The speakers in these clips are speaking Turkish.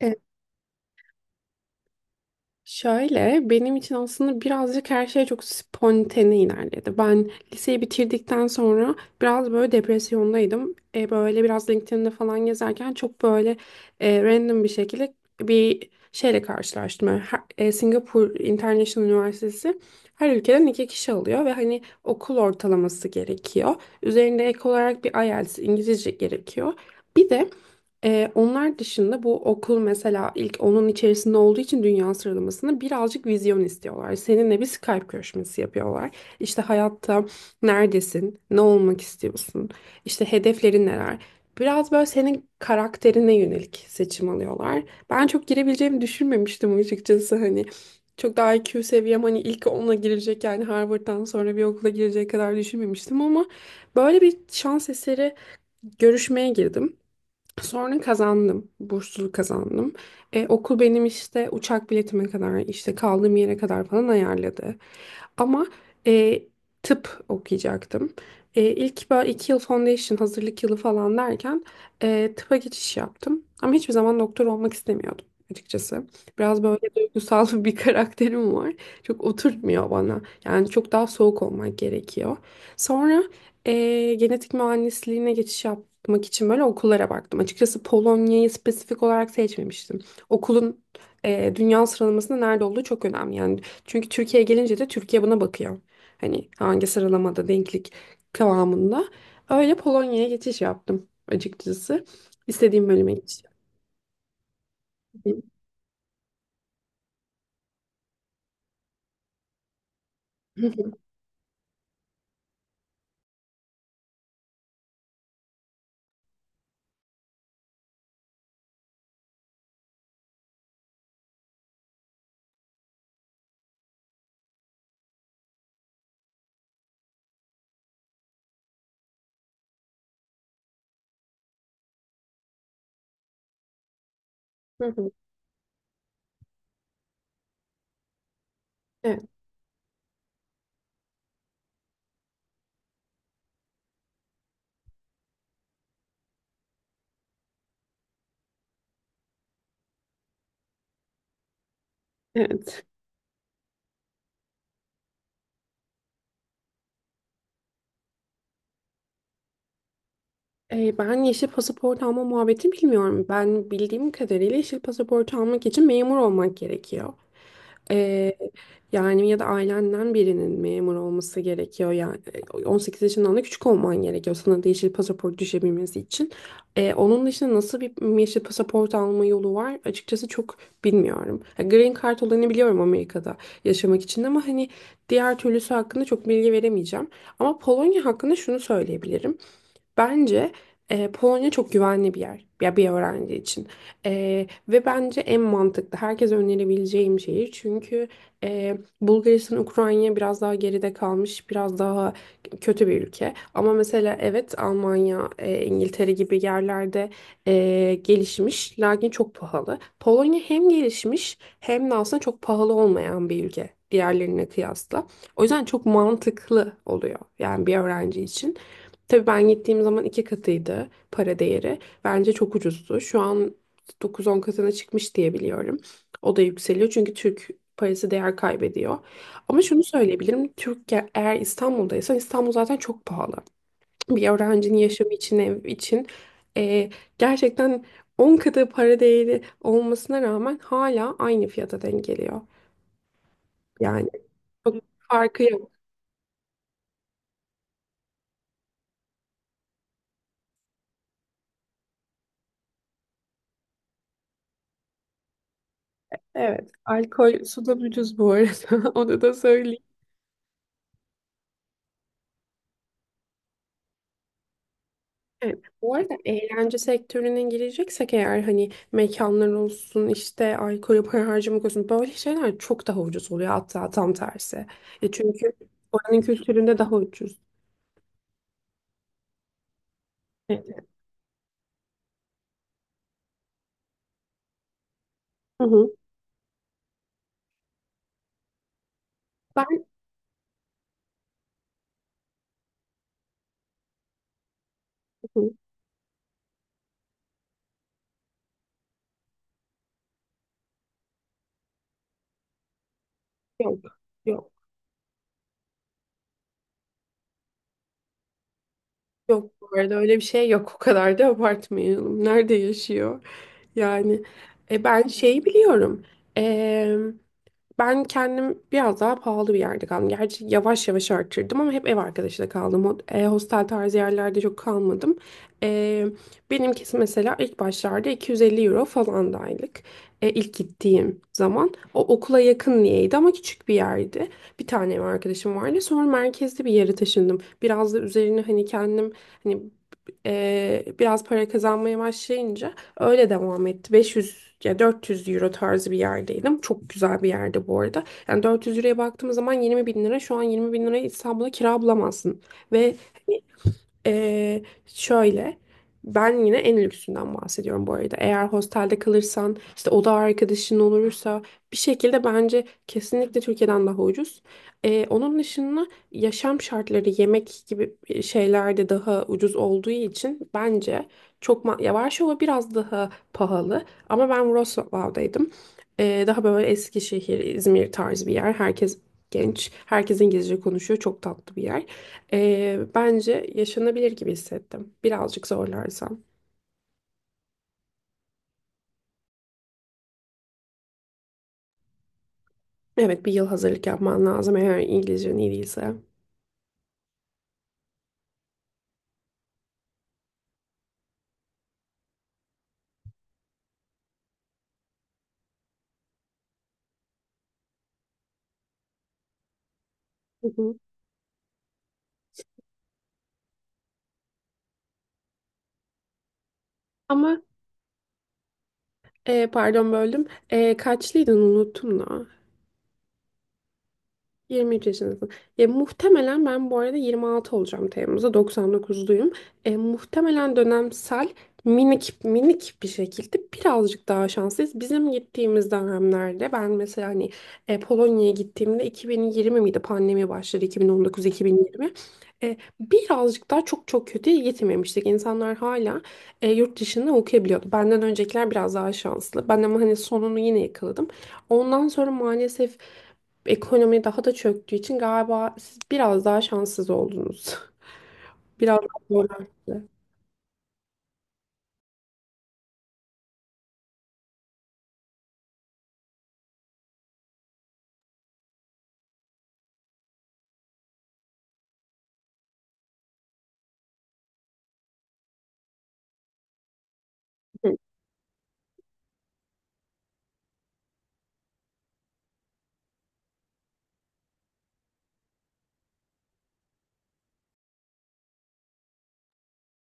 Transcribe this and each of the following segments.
Ee, Şöyle benim için aslında birazcık her şey çok spontane ilerledi. Ben liseyi bitirdikten sonra biraz böyle depresyondaydım. Böyle biraz LinkedIn'de falan gezerken çok böyle random bir şekilde bir şeyle karşılaştım. Yani Singapur International Üniversitesi her ülkeden 2 kişi alıyor ve hani okul ortalaması gerekiyor. Üzerinde ek olarak bir IELTS İngilizce gerekiyor. Bir de onlar dışında bu okul mesela ilk onun içerisinde olduğu için dünya sıralamasında birazcık vizyon istiyorlar. Seninle bir Skype görüşmesi yapıyorlar. İşte hayatta neredesin, ne olmak istiyorsun, işte hedeflerin neler. Biraz böyle senin karakterine yönelik seçim alıyorlar. Ben çok girebileceğimi düşünmemiştim açıkçası hani. Çok daha IQ seviyem hani ilk 10'a girecek, yani Harvard'dan sonra bir okula girecek kadar düşünmemiştim ama böyle bir şans eseri görüşmeye girdim. Sonra kazandım. Burslu kazandım. Okul benim işte uçak biletime kadar, işte kaldığım yere kadar falan ayarladı. Ama e, tıp okuyacaktım. İlk böyle 2 yıl foundation hazırlık yılı falan derken tıpa geçiş yaptım. Ama hiçbir zaman doktor olmak istemiyordum açıkçası. Biraz böyle duygusal bir karakterim var. Çok oturtmuyor bana. Yani çok daha soğuk olmak gerekiyor. Sonra genetik mühendisliğine geçiş yapmak için böyle okullara baktım. Açıkçası Polonya'yı spesifik olarak seçmemiştim. Okulun dünya sıralamasında nerede olduğu çok önemli. Yani çünkü Türkiye gelince de Türkiye buna bakıyor. Hani hangi sıralamada denklik kıvamında. Öyle Polonya'ya geçiş yaptım açıkçası. İstediğim bölüme geçiş yaptım. Hı hı. Evet. Evet. Ben yeşil pasaport alma muhabbetini bilmiyorum. Ben bildiğim kadarıyla yeşil pasaport almak için memur olmak gerekiyor. Ee, Yani ya da ailenden birinin memur olması gerekiyor. Yani 18 yaşından da küçük olman gerekiyor sana da yeşil pasaport düşebilmesi için. Onun dışında nasıl bir yeşil pasaport alma yolu var? Açıkçası çok bilmiyorum. Ha, Green Card olanı biliyorum Amerika'da yaşamak için ama hani diğer türlüsü hakkında çok bilgi veremeyeceğim. Ama Polonya hakkında şunu söyleyebilirim. Bence Polonya çok güvenli bir yer ya bir öğrenci için. Ve bence en mantıklı herkese önerebileceğim şehir, çünkü Bulgaristan, Ukrayna biraz daha geride kalmış, biraz daha kötü bir ülke. Ama mesela evet, Almanya, İngiltere gibi yerlerde gelişmiş lakin çok pahalı. Polonya hem gelişmiş hem de aslında çok pahalı olmayan bir ülke diğerlerine kıyasla, o yüzden çok mantıklı oluyor yani bir öğrenci için. Tabii ben gittiğim zaman iki katıydı para değeri. Bence çok ucuzdu. Şu an dokuz on katına çıkmış diye biliyorum. O da yükseliyor çünkü Türk parası değer kaybediyor. Ama şunu söyleyebilirim. Eğer İstanbul'daysan İstanbul zaten çok pahalı. Bir öğrencinin yaşamı için, ev için eee, gerçekten 10 katı para değeri olmasına rağmen hala aynı fiyata denk geliyor. Yani çok farkı yok. Evet, alkol su da ucuz bu arada. Onu da söyleyeyim. Evet. Bu arada eğlence sektörüne gireceksek eğer, hani mekanlar olsun işte alkole para harcamak olsun, böyle şeyler çok daha ucuz oluyor, hatta tam tersi. Çünkü oranın kültüründe daha ucuz. Evet. Hı hı. Ben hı, Yok, yok, yok, bu arada öyle bir şey yok, o kadar da abartmayalım. Nerede yaşıyor? Yani ben şeyi biliyorum. Ben kendim biraz daha pahalı bir yerde kaldım. Gerçi yavaş yavaş arttırdım ama hep ev arkadaşıyla kaldım. Hostel tarzı yerlerde çok kalmadım. E, Benimkisi mesela ilk başlarda 250 euro falan da aylık. İlk gittiğim zaman. O okula yakın niyeydi ama küçük bir yerdi. Bir tane ev arkadaşım vardı. Sonra merkezde bir yere taşındım. Biraz da üzerine hani kendim hani biraz para kazanmaya başlayınca öyle devam etti. 500 ya 400 euro tarzı bir yerdeydim. Çok güzel bir yerde bu arada. Yani 400 euroya baktığımız zaman 20 bin lira. Şu an 20 bin liraya İstanbul'da kira bulamazsın. Ve şöyle, ben yine en lüksünden bahsediyorum bu arada. Eğer hostelde kalırsan, işte oda arkadaşın olursa, bir şekilde bence kesinlikle Türkiye'den daha ucuz. Onun dışında yaşam şartları yemek gibi şeyler de daha ucuz olduğu için bence ya, Varşova biraz daha pahalı ama ben Wrocław'daydım. Daha böyle Eskişehir, İzmir tarzı bir yer. Herkes genç, herkes İngilizce konuşuyor. Çok tatlı bir yer. Bence yaşanabilir gibi hissettim. Birazcık zorlarsam. Evet, bir yıl hazırlık yapman lazım eğer İngilizcen iyi değilse. Hı hı. Ama pardon böldüm. Kaçlıydın unuttum da. 23 yaşındasın. Muhtemelen ben bu arada 26 olacağım Temmuz'da. 99'luyum. Muhtemelen dönemsel minik minik bir şekilde birazcık daha şanslıyız. Bizim gittiğimiz dönemlerde ben mesela hani Polonya'ya gittiğimde 2020 miydi? Pandemi başladı 2019-2020. Birazcık daha çok çok kötüye gitmemiştik. İnsanlar hala yurt dışında okuyabiliyordu. Benden öncekiler biraz daha şanslı. Ben ama hani sonunu yine yakaladım. Ondan sonra maalesef ekonomi daha da çöktüğü için galiba siz biraz daha şanssız oldunuz. Biraz daha zorlandı. Hı.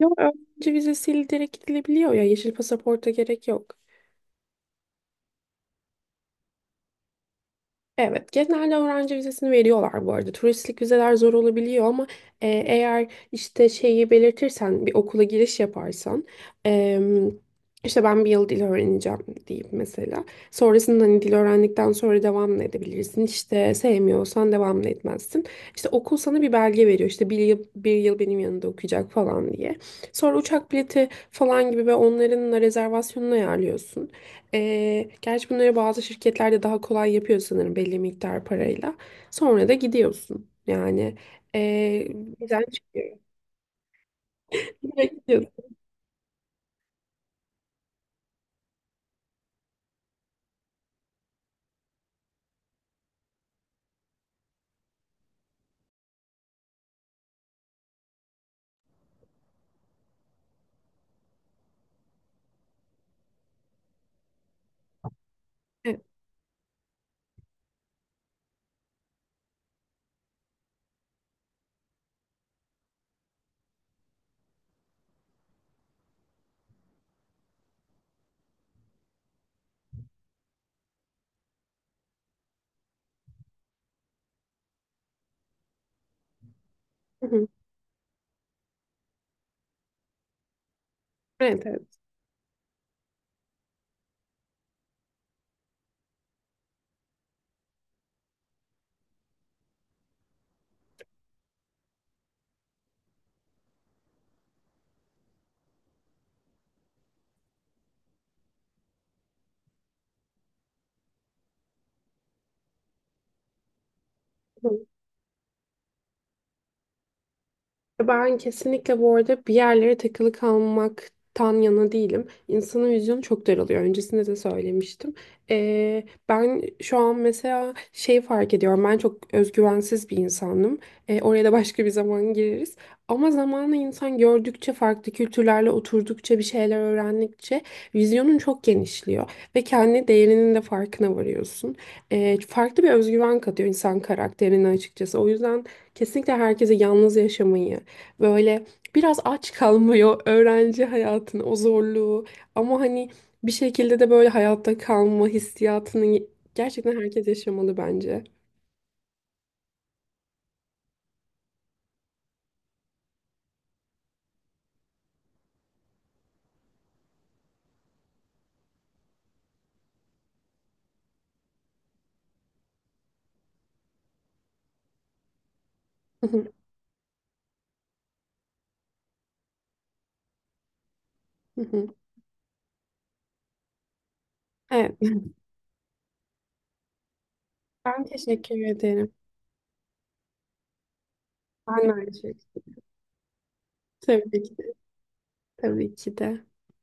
Yok, öğrenci vizesiyle direkt gidilebiliyor ya. Yeşil pasaporta gerek yok. Evet, genelde öğrenci vizesini veriyorlar bu arada. Turistlik vizeler zor olabiliyor ama eğer işte şeyi belirtirsen, bir okula giriş yaparsan, e, işte ben bir yıl dil öğreneceğim deyip mesela. Sonrasında hani dil öğrendikten sonra devam da edebilirsin. İşte sevmiyorsan devam da etmezsin. İşte okul sana bir belge veriyor. İşte bir yıl, bir yıl benim yanında okuyacak falan diye. Sonra uçak bileti falan gibi ve onların da rezervasyonunu ayarlıyorsun. Gerçi bunları bazı şirketlerde daha kolay yapıyor sanırım belli miktar parayla. Sonra da gidiyorsun. Yani ee, birden çıkıyor. Direkt gidiyorsun. Evet. Hı hı. Evet, evet. Ben kesinlikle bu arada bir yerlere takılı kalmaktan yana değilim. İnsanın vizyonu çok daralıyor. Öncesinde de söylemiştim. Ben şu an mesela şey fark ediyorum. Ben çok özgüvensiz bir insanım. Oraya da başka bir zaman gireriz. Ama zamanla insan gördükçe, farklı kültürlerle oturdukça, bir şeyler öğrendikçe vizyonun çok genişliyor. Ve kendi değerinin de farkına varıyorsun. Farklı bir özgüven katıyor insan karakterine açıkçası. O yüzden. Kesinlikle herkese yalnız yaşamayı, böyle biraz aç kalmıyor öğrenci hayatının o zorluğu, ama hani bir şekilde de böyle hayatta kalma hissiyatını gerçekten herkes yaşamalı bence. Hı hı, hı hı. Evet, ben teşekkür ederim. Ben de aynı şekilde. Tabii ki de. Tabii ki de.